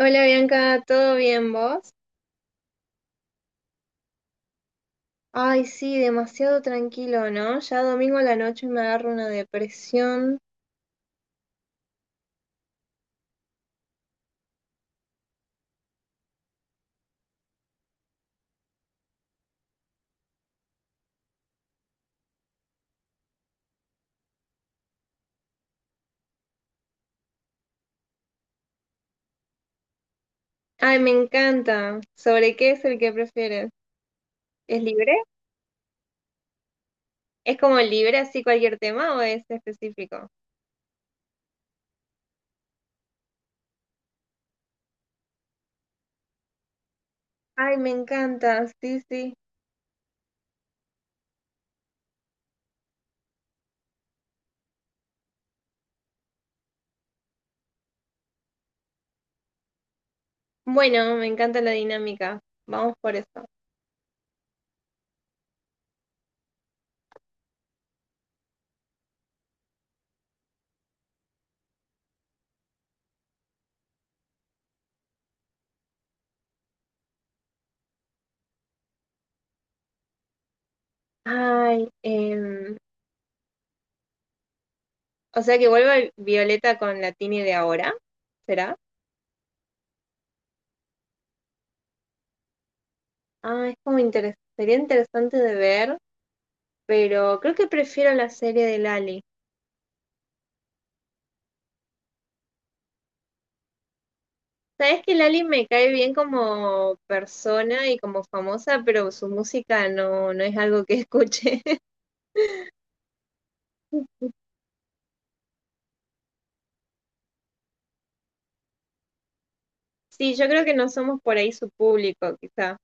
Hola Bianca, ¿todo bien vos? Ay, sí, demasiado tranquilo, ¿no? Ya domingo a la noche me agarro una depresión. Ay, me encanta. ¿Sobre qué es el que prefieres? ¿Es libre? ¿Es como libre así cualquier tema o es específico? Ay, me encanta, sí, sí. Bueno, me encanta la dinámica. Vamos por eso. Ay, o sea que vuelva Violeta con la Tini de ahora, ¿será? Ah, es como sería interesante de ver. Pero creo que prefiero la serie de Lali. Sabes que Lali me cae bien como persona y como famosa, pero su música no, no es algo que escuche. Sí, yo creo que no somos por ahí su público, quizá.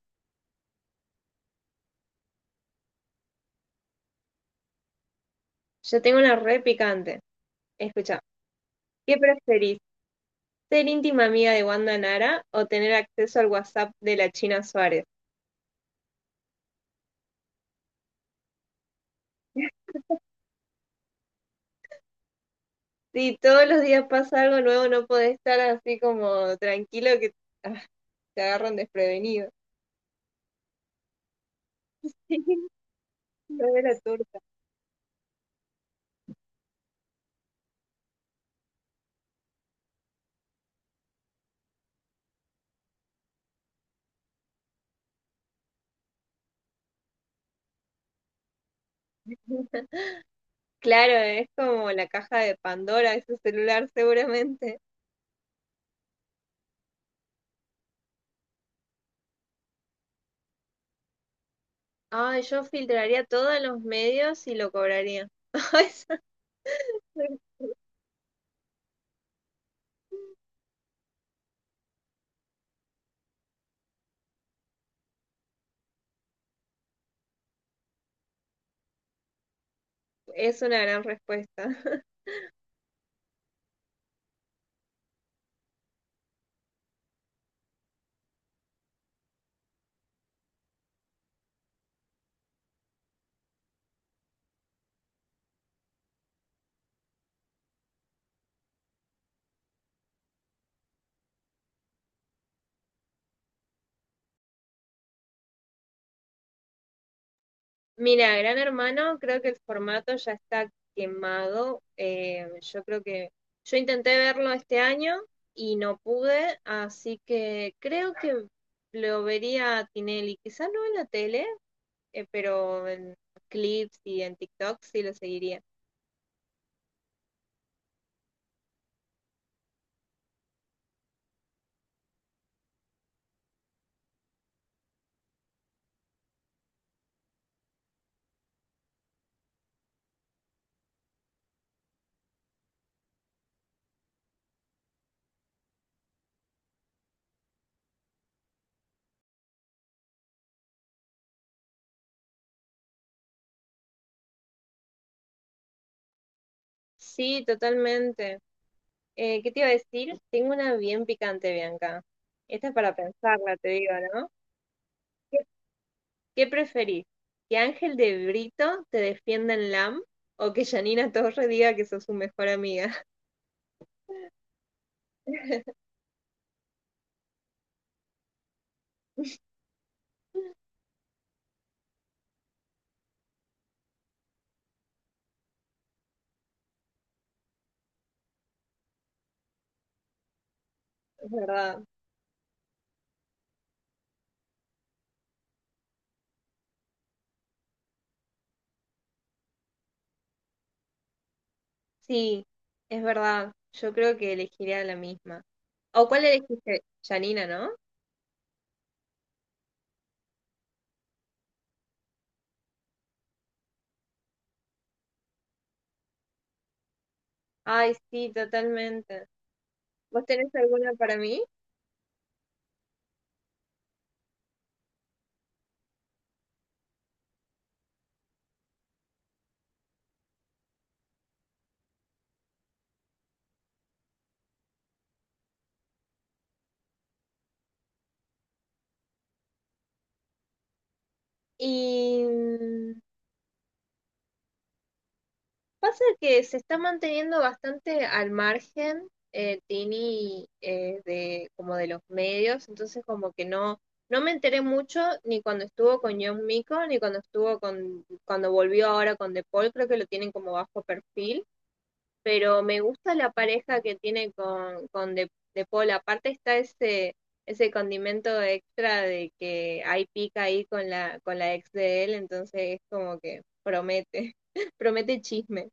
Yo tengo una re picante. Escucha, ¿qué preferís? ¿Ser íntima amiga de Wanda Nara o tener acceso al WhatsApp de la China Suárez? Si todos los días pasa algo nuevo, no podés estar así como tranquilo que ah, te agarran desprevenido. Lo de la torta. Claro, es como la caja de Pandora, ese celular seguramente. Ay, yo filtraría todos los medios y lo cobraría. Esa Es una gran respuesta. Mira, Gran Hermano, creo que el formato ya está quemado. Yo creo que yo intenté verlo este año y no pude, así que creo que lo vería a Tinelli, quizás no en la tele, pero en clips y en TikTok sí lo seguiría. Sí, totalmente. ¿Qué te iba a decir? Tengo una bien picante, Bianca. Esta es para pensarla, te digo, ¿no? ¿Qué, qué preferís? ¿Que Ángel de Brito te defienda en LAM o que Janina Torre diga que sos su mejor amiga? Es verdad. Sí, es verdad. Yo creo que elegiría la misma. ¿O cuál elegiste? Janina, ¿no? Ay, sí, totalmente. ¿Vos tenés alguna para mí? Y pasa que se está manteniendo bastante al margen Tini de como de los medios, entonces como que no me enteré mucho ni cuando estuvo con John Mico ni cuando estuvo con cuando volvió ahora con De Paul. Creo que lo tienen como bajo perfil, pero me gusta la pareja que tiene con De Paul. Aparte está ese condimento extra de que hay pica ahí con la ex de él, entonces es como que promete promete chisme.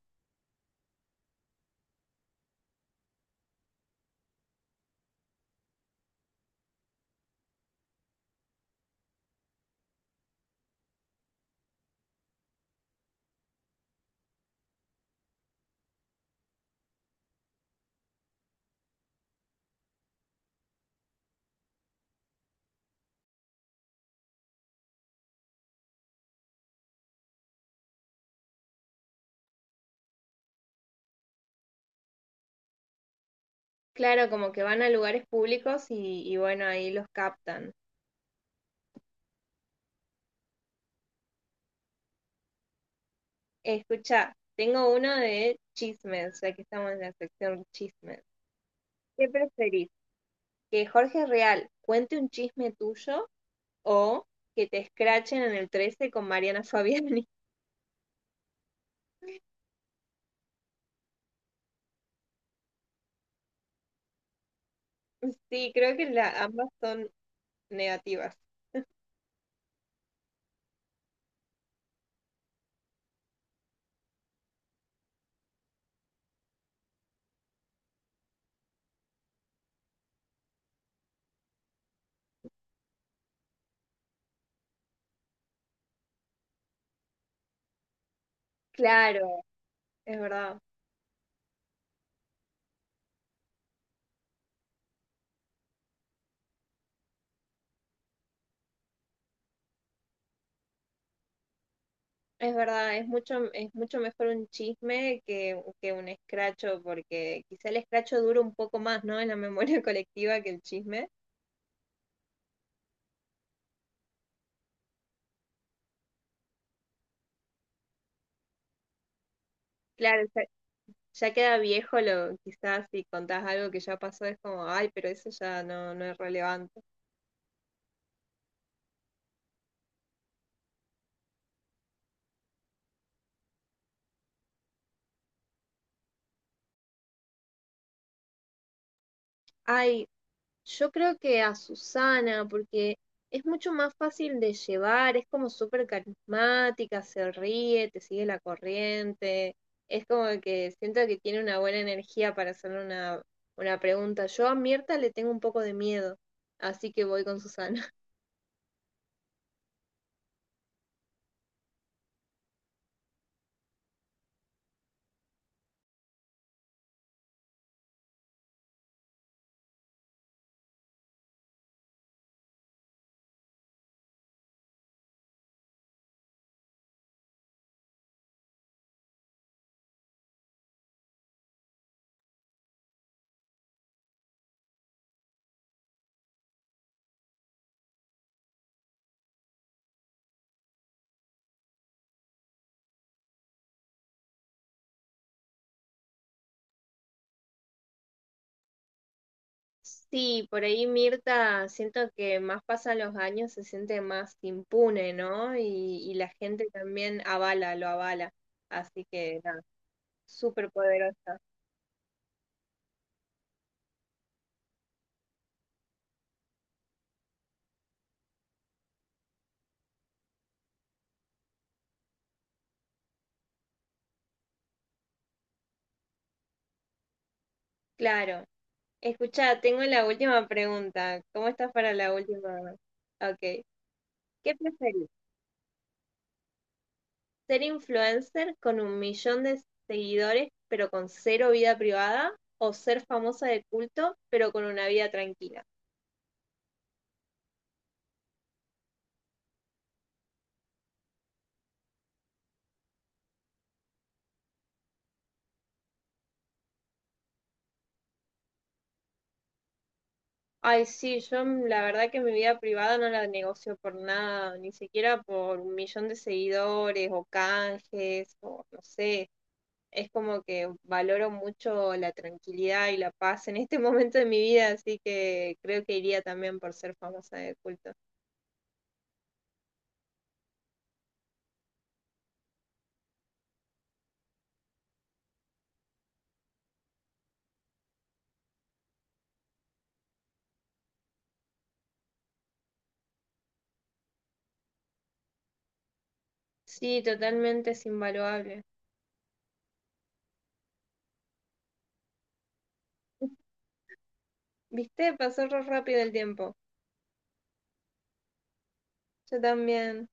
Claro, como que van a lugares públicos y bueno, ahí los captan. Escucha, tengo uno de chismes, ya que estamos en la sección chismes. ¿Qué preferís? ¿Que Jorge Real cuente un chisme tuyo o que te escrachen en el 13 con Mariana Fabiani? Sí, creo que ambas son negativas. Claro, es verdad. Es verdad, es mucho mejor un chisme que un escracho, porque quizá el escracho dura un poco más, ¿no? En la memoria colectiva que el chisme. Claro, ya queda viejo lo, quizás si contás algo que ya pasó es como, ay, pero eso ya no, no es relevante. Ay, yo creo que a Susana, porque es mucho más fácil de llevar, es como súper carismática, se ríe, te sigue la corriente, es como que siento que tiene una buena energía para hacer una pregunta. Yo a Mirta le tengo un poco de miedo, así que voy con Susana. Sí, por ahí Mirta, siento que más pasan los años, se siente más impune, ¿no? Y la gente también avala, lo avala. Así que nada, súper poderosa. Claro. Escucha, tengo la última pregunta. ¿Cómo estás para la última? Ok. ¿Qué preferís? ¿Ser influencer con 1.000.000 de seguidores pero con cero vida privada? ¿O ser famosa de culto pero con una vida tranquila? Ay, sí, yo la verdad que mi vida privada no la negocio por nada, ni siquiera por 1.000.000 de seguidores o canjes o no sé. Es como que valoro mucho la tranquilidad y la paz en este momento de mi vida, así que creo que iría también por ser famosa de culto. Sí, totalmente es invaluable. ¿Viste? Pasó re rápido el tiempo. Yo también.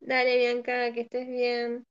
Dale, Bianca, que estés bien.